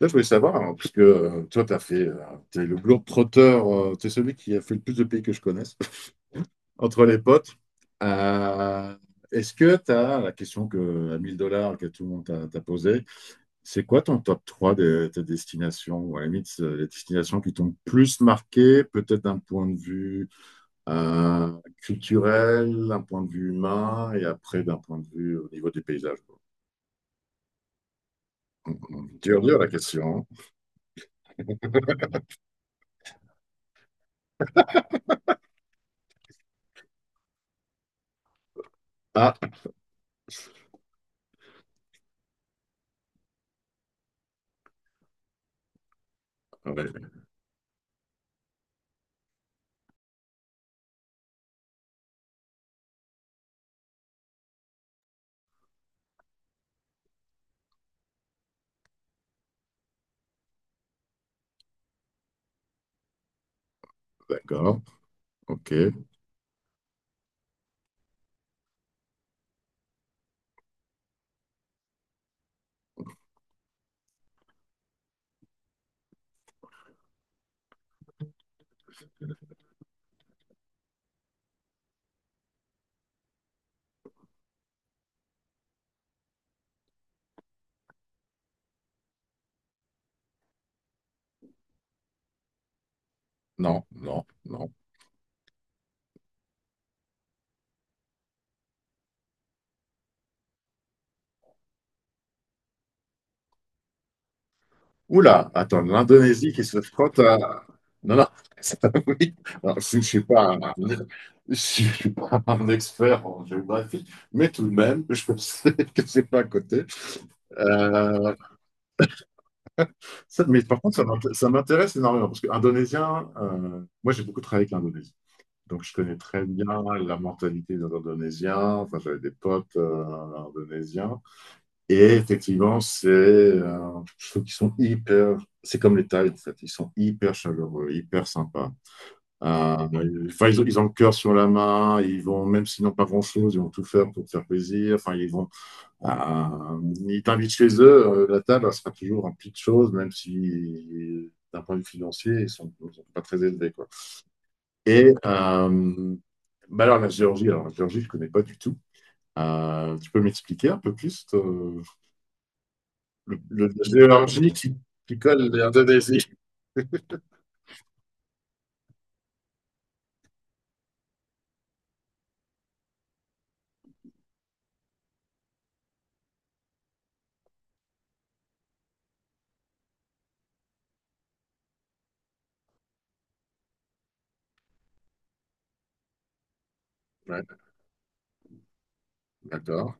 Là, je voulais savoir, hein, parce que toi, t'as fait, t'es le globe-trotteur, tu es celui qui a fait le plus de pays que je connaisse, entre les potes. Euh, Est-ce que t'as la question à 1000 $ que tout le monde t'a posée, c'est quoi ton top 3 de tes destinations? Ou à la limite, les destinations qui t'ont plus marqué, peut-être d'un point de vue euh, culturel, d'un point de vue humain, et après d'un point de vue au niveau des paysages, quoi. Dur, dur la question. Ah, ouais, d'accord, ok. Non, non, non. Oula, attends, l'Indonésie qui se frotte à... Non, non, ça, oui. Alors, si je suis pas un expert en géographie, mais tout de même, je sais que c'est pas à côté. Euh, mais par contre, ça m'intéresse énormément, parce que indonésien, moi j'ai beaucoup travaillé avec l'Indonésie. Donc je connais très bien la mentalité des Indonésiens, enfin, j'avais des potes indonésiens. Et effectivement, je trouve qu'ils sont hyper, c'est comme les Tides, en fait. Ils sont hyper chaleureux, hyper sympas. Enfin, ils ont le cœur sur la main, ils vont, même s'ils n'ont pas grand-chose, ils vont tout faire pour te faire plaisir. Enfin, ils vont, euh, ils t'invitent chez eux, la table, elle sera toujours un petit de choses, même si, d'un point de vue financier, ils sont pas très élevés, quoi. Et, bah alors, la Géorgie, je connais pas du tout. Tu peux m'expliquer un peu plus, le, de Géorgie qui colle l'Indonésie. Ouais, d'accord.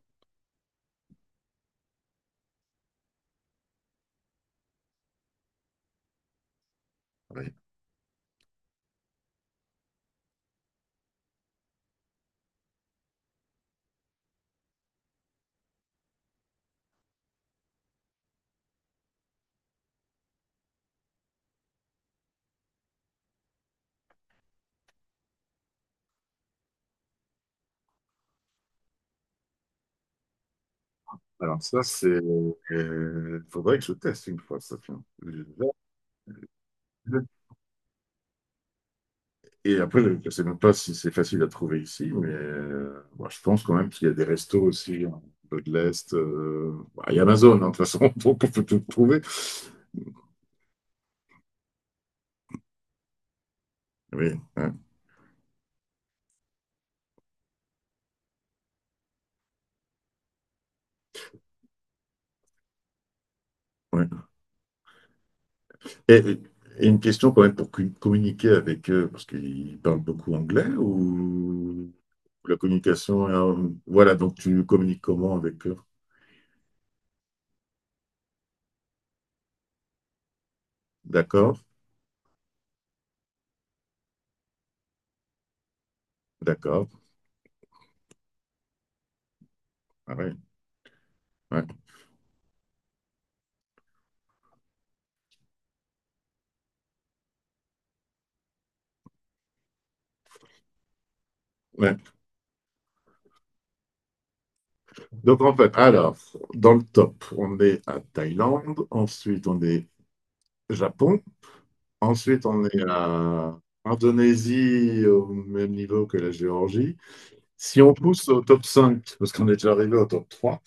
Oui. Alors ça, c'est... Il faudrait que je teste une fois, ça, tiens. Et après, je ne sais même pas si c'est facile à trouver ici, mais bon, je pense quand même qu'il y a des restos aussi, hein, un peu de l'Est. Bah, il y a Amazon, hein, de toute façon, donc on peut tout trouver. Oui, ouais, ouais. Et, et une question quand même pour communiquer avec eux, parce qu'ils parlent beaucoup anglais ou... La communication, voilà, donc tu communiques comment avec eux? D'accord, d'accord. Ah ouais, ouais, ouais. Donc en fait, alors, dans le top, on est à Thaïlande, ensuite on est Japon, ensuite on est à Indonésie au même niveau que la Géorgie. Si on pousse au top 5, parce qu'on est déjà arrivé au top 3.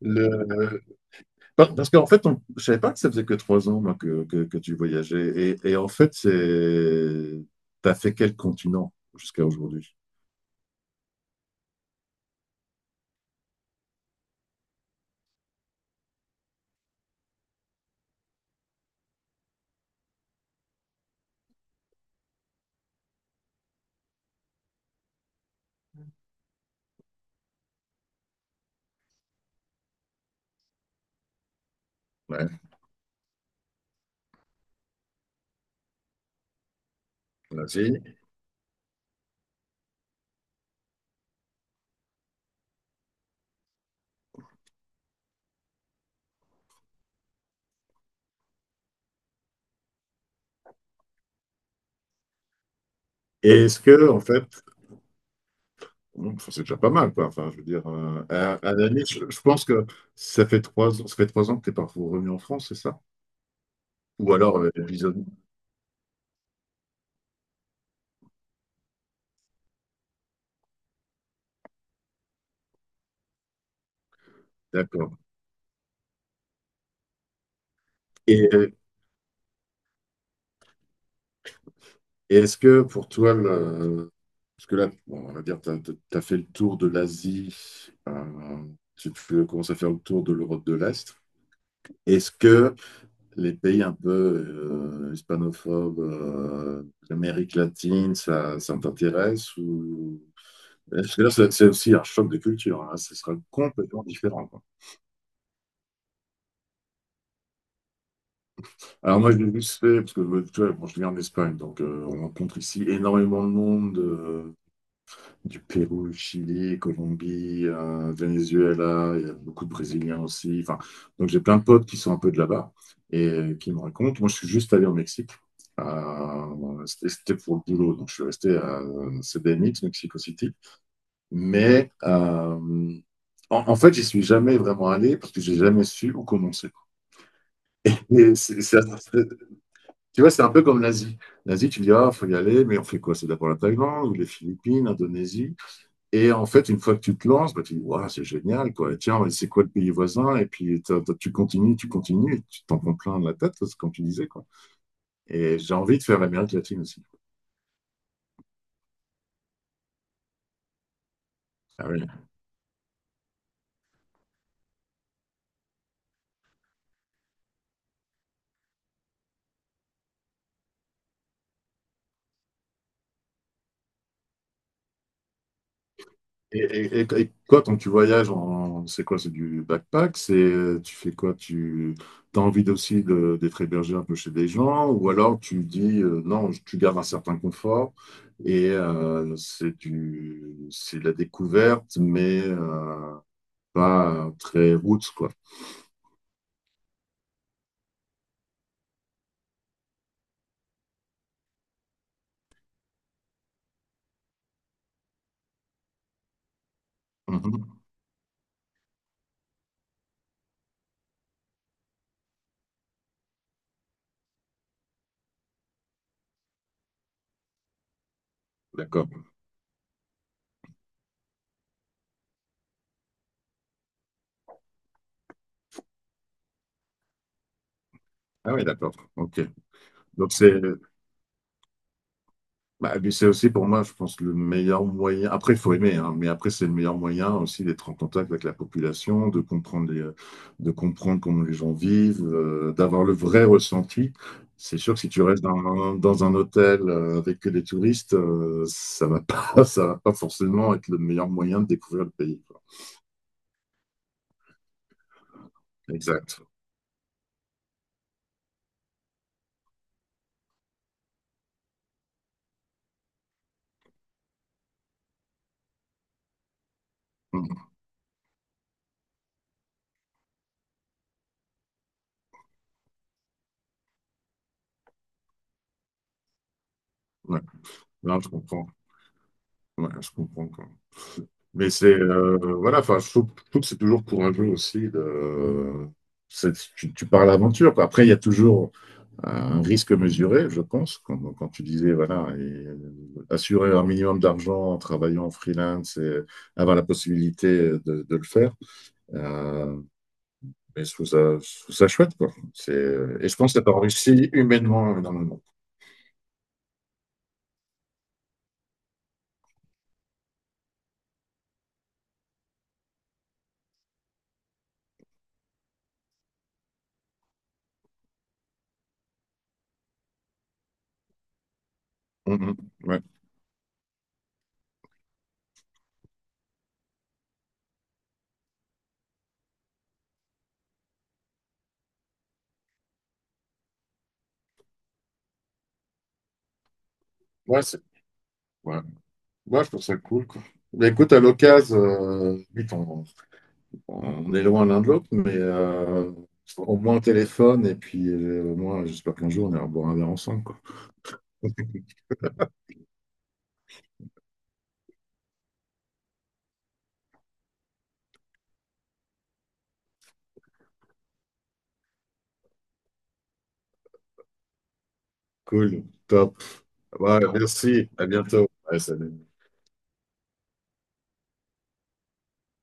le, Parce qu'en fait, on... je ne savais pas que ça faisait que trois ans moi, que tu voyageais. Et en fait, c'est... tu as fait quel continent jusqu'à aujourd'hui? Ouais, l'Asie. Et est-ce que, en fait, bon, enfin, c'est déjà pas mal, quoi. Enfin, je veux dire, à la limite, je pense que ça fait trois ans, ça fait trois ans que tu n'es pas revenu en France, c'est ça? Ou alors, visa- D'accord. Et, et est-ce que pour toi, le... parce que là, bon, on va dire, tu as fait le tour de l'Asie, euh, tu commences à faire le tour de l'Europe de l'Est. Est-ce que les pays un peu hispanophobes, l'Amérique latine, ça t'intéresse ou... Parce que là, c'est aussi un choc de culture, hein. Ce sera complètement différent, quoi. Alors moi, je l'ai juste fait parce que tu vois, bon, je viens en Espagne, donc on rencontre ici énormément de monde. Euh, du Pérou, Chili, Colombie, Venezuela, il y a beaucoup de Brésiliens aussi. Enfin, donc j'ai plein de potes qui sont un peu de là-bas et qui me racontent. Moi, je suis juste allé au Mexique. C'était pour le boulot, donc je suis resté à CDMX, Mexico City. Mais en fait, j'y suis jamais vraiment allé parce que j'ai jamais su où commencer. Et tu vois, c'est un peu comme l'Asie. L'Asie, tu dis, ah, faut y aller, mais on fait quoi? C'est d'abord la Thaïlande ou les Philippines, l'Indonésie. Et en fait, une fois que tu te lances, bah, tu dis, waouh, c'est génial, quoi. Et tiens, c'est quoi le pays voisin? Et puis, tu continues, et tu t'en prends plein de la tête, c'est comme tu disais, quoi. Et j'ai envie de faire l'Amérique latine aussi. Ah oui. Et quoi, quand tu voyages en, c'est quoi, c'est du backpack? C'est, tu fais quoi? Tu as envie aussi de, d'être hébergé un peu chez des gens? Ou alors tu dis, non, tu gardes un certain confort et c'est de la découverte, mais pas très route, quoi. Mhm. D'accord. Ah oui, d'accord. Ok. Donc c'est, bah, mais c'est aussi pour moi, je pense, le meilleur moyen. Après, il faut aimer, hein, mais après, c'est le meilleur moyen aussi d'être en contact avec la population, de comprendre comment les gens vivent, d'avoir le vrai ressenti. C'est sûr que si tu restes dans un hôtel avec que des touristes, ça va pas, ça va pas forcément être le meilleur moyen de découvrir le pays, quoi. Exact. Mhm. Ouais. Non, je comprends. Ouais, je comprends. Mais c'est voilà, enfin, je trouve que c'est toujours courageux aussi de. Tu, tu pars à l'aventure, quoi. Après, il y a toujours un risque mesuré, je pense, quand tu disais, voilà, et assurer un minimum d'argent en travaillant en freelance et avoir la possibilité de le faire. Euh, mais je trouve ça chouette, quoi. C'est, et je pense que ça réussi humainement énormément. Mhm. Ouais, ouais, c'est, ouais. Ouais, je trouve ça cool, quoi. Mais écoute, à l'occasion, oui, on est loin l'un de l'autre, mais au moins au téléphone, et puis au moins, j'espère qu'un jour, on ira boire un verre ensemble, quoi. Cool, top. Ouais, merci, à bientôt. Ouais, salut.